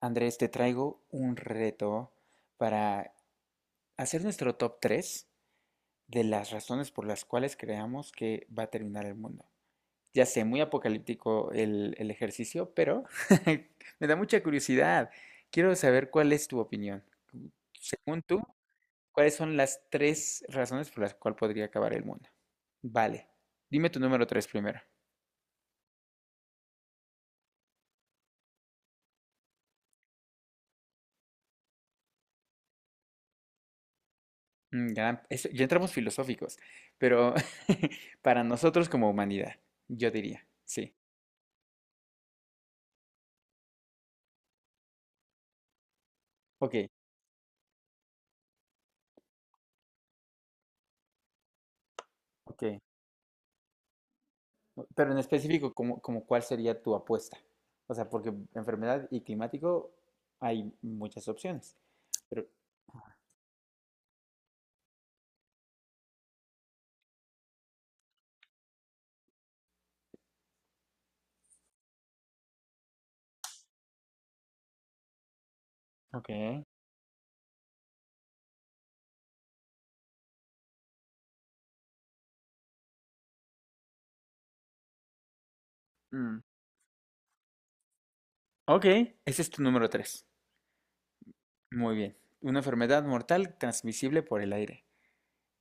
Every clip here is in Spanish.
Andrés, te traigo un reto para hacer nuestro top 3 de las razones por las cuales creamos que va a terminar el mundo. Ya sé, muy apocalíptico el ejercicio, pero me da mucha curiosidad. Quiero saber cuál es tu opinión. Según tú, ¿cuáles son las tres razones por las cuales podría acabar el mundo? Vale, dime tu número 3 primero. Ya, ya entramos filosóficos, pero para nosotros como humanidad, yo diría, sí. Ok, ok. Pero en específico, ¿ como cuál sería tu apuesta? O sea, porque enfermedad y climático hay muchas opciones. Pero, ok. mm, Ok, ese es tu número 3. Muy bien. Una enfermedad mortal transmisible por el aire.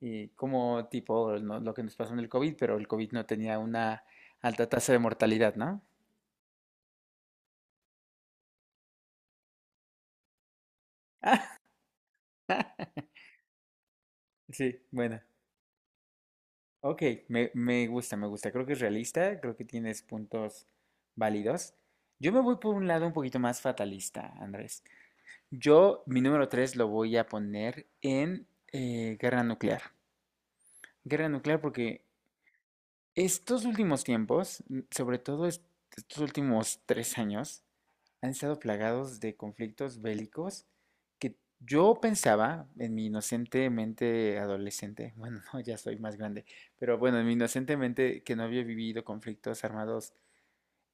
Y como tipo lo que nos pasó en el COVID, pero el COVID no tenía una alta tasa de mortalidad, ¿no? Sí, bueno. Ok, me gusta, me gusta. Creo que es realista, creo que tienes puntos válidos. Yo me voy por un lado un poquito más fatalista, Andrés. Yo, mi número 3 lo voy a poner en guerra nuclear. Guerra nuclear porque estos últimos tiempos, sobre todo estos últimos tres años, han estado plagados de conflictos bélicos que yo pensaba en mi inocente mente adolescente, bueno, no, ya soy más grande, pero bueno, en mi inocente mente que no había vivido conflictos armados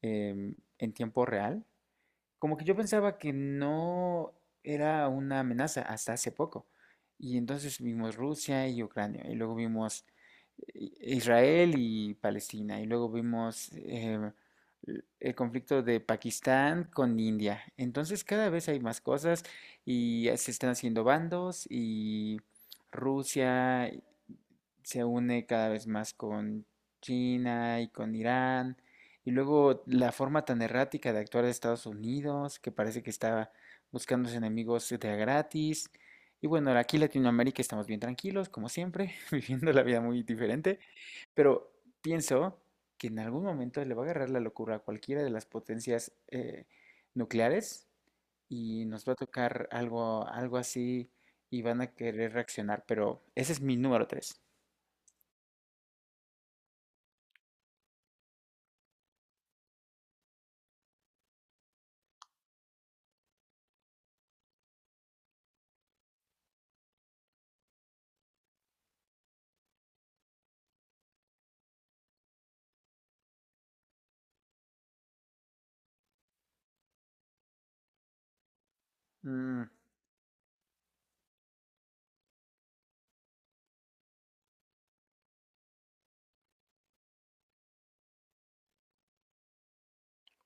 en tiempo real, como que yo pensaba que no era una amenaza hasta hace poco. Y entonces vimos Rusia y Ucrania, y luego vimos Israel y Palestina, y luego vimos el conflicto de Pakistán con India. Entonces cada vez hay más cosas y ya se están haciendo bandos y Rusia se une cada vez más con China y con Irán. Y luego la forma tan errática de actuar de Estados Unidos, que parece que estaba buscando sus enemigos de a gratis. Y bueno, aquí en Latinoamérica estamos bien tranquilos, como siempre, viviendo la vida muy diferente, pero pienso que en algún momento le va a agarrar la locura a cualquiera de las potencias nucleares y nos va a tocar algo así y van a querer reaccionar, pero ese es mi número 3.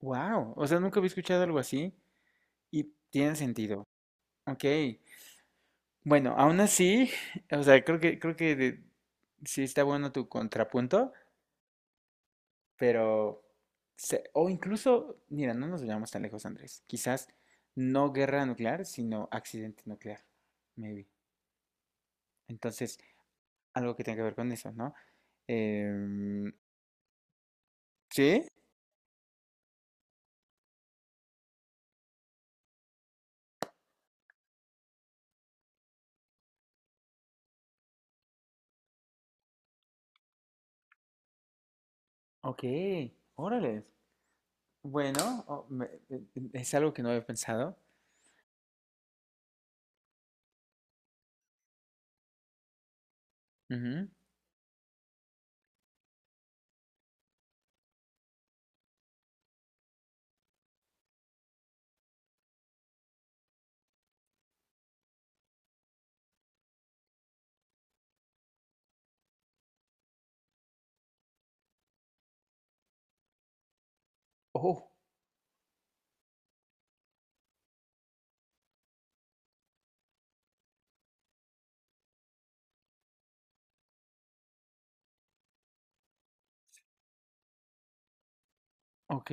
Wow, o sea, nunca había escuchado algo así y tiene sentido. Ok, bueno, aún así, o sea, creo que sí está bueno tu contrapunto, pero, o incluso, mira, no nos vayamos tan lejos, Andrés. Quizás no guerra nuclear, sino accidente nuclear, maybe. Entonces, algo que tenga que ver con eso, ¿no? Em, ¿Sí? Ok, órale. Bueno, es algo que no había pensado. Ujú. Oh, ok.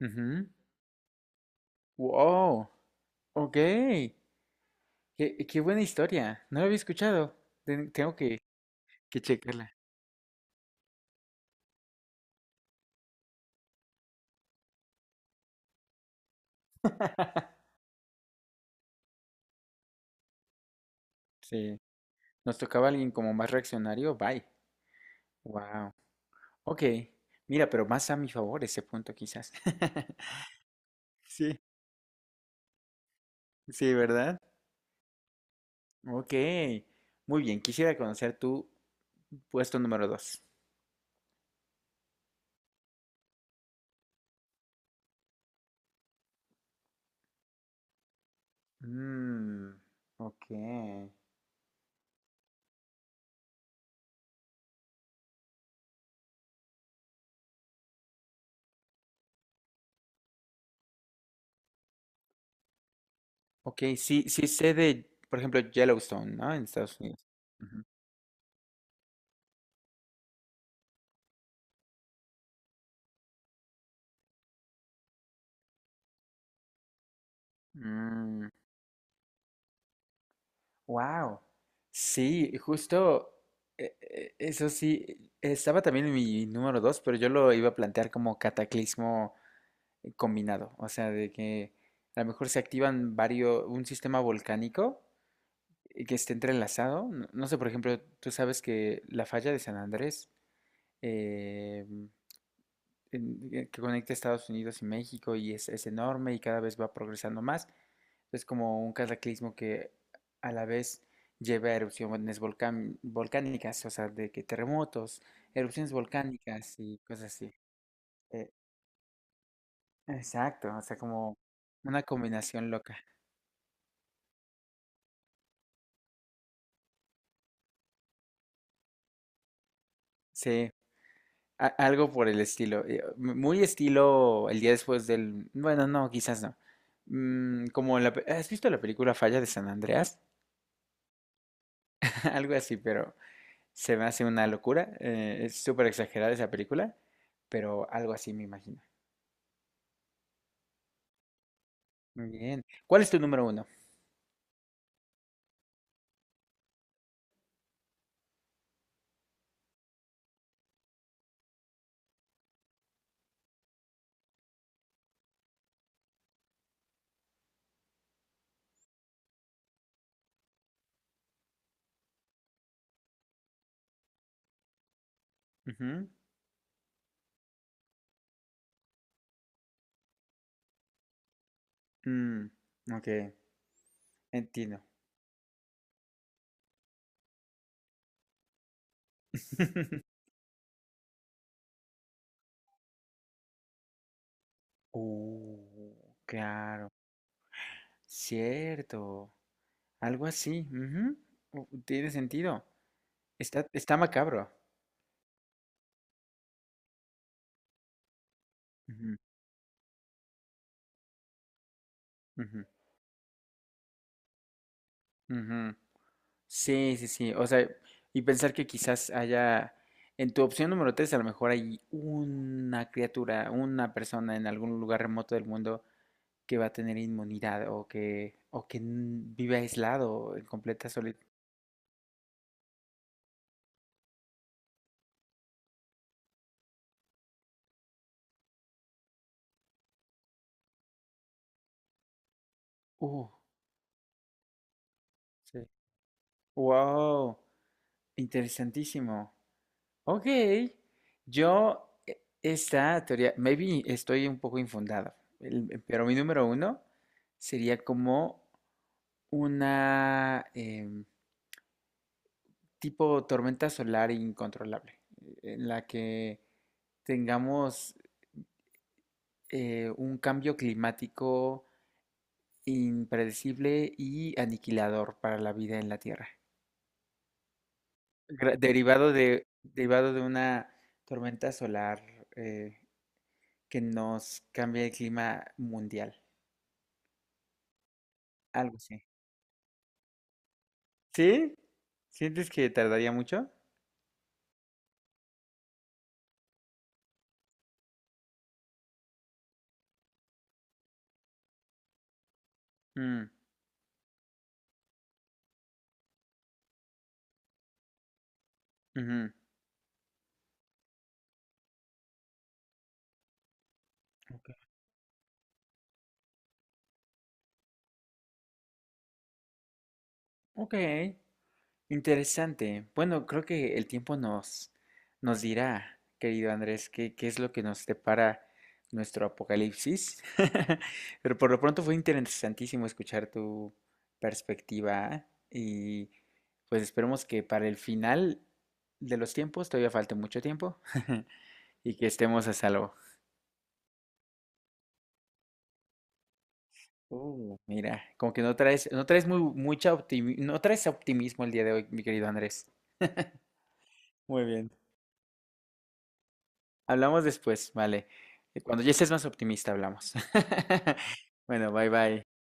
Ujú. Wow, ok. Qué buena historia. No la había escuchado. Tengo que checarla. Sí. Nos tocaba alguien como más reaccionario. Bye. Wow. Ok. Mira, pero más a mi favor ese punto quizás. Sí, sí, ¿verdad? Ok. Muy bien. Quisiera conocer tu puesto número dos. Mm, ok. Ok, sí, sí sé de, por ejemplo, Yellowstone, ¿no? En Estados Unidos. Ujú. Mm, Wow. Sí, justo eso sí, estaba también en mi número dos, pero yo lo iba a plantear como cataclismo combinado, o sea, de que a lo mejor se activan varios, un sistema volcánico que esté entrelazado. No, no sé, por ejemplo, tú sabes que la falla de San Andrés, eh, que conecta Estados Unidos y México y es enorme y cada vez va progresando más. Es como un cataclismo que a la vez lleva a erupciones volcánicas, o sea, de que terremotos, erupciones volcánicas y cosas así. Eh, exacto, o sea, como una combinación loca. Sí, algo por el estilo. Muy estilo el día después del... Bueno, no, quizás no. Mm, como la... ¿Has visto la película Falla de San Andreas? Algo así, pero... Se me hace una locura. Es súper exagerada esa película, pero algo así me imagino. Muy bien. ¿Cuál es tu número uno? Ujú. Mm, ok, entiendo. Claro. Cierto. Algo así. Ujú, tiene sentido. Está, está macabro. Ujú, ujú, ujú. Sí, sí, sí. O sea, y pensar que quizás haya, en tu opción número 3 a lo mejor hay una criatura, una persona en algún lugar remoto del mundo que va a tener inmunidad o o que vive aislado, en completa soledad. Uh, sí. Wow, interesantísimo. Ok, yo, e- esta teoría, maybe estoy un poco infundado, pero mi número uno sería como una... tipo tormenta solar incontrolable, en la que tengamos un cambio climático impredecible y aniquilador para la vida en la Tierra, derivado de una tormenta solar eh, que nos cambia el clima mundial, algo así. ¿Sí? ¿Sientes que tardaría mucho? Mm, ujú. Ok. Ok, interesante. Bueno, creo que el tiempo nos dirá, querido Andrés, qué es lo que nos depara nuestro apocalipsis. Pero por lo pronto fue interesantísimo escuchar tu perspectiva y pues esperemos que para el final de los tiempos todavía falte mucho tiempo y que estemos a salvo. Mira, como que no traes, no traes optimismo el día de hoy, mi querido Andrés. Muy bien. Hablamos después, vale. Cuando ya estés más optimista, hablamos. Bueno, bye bye.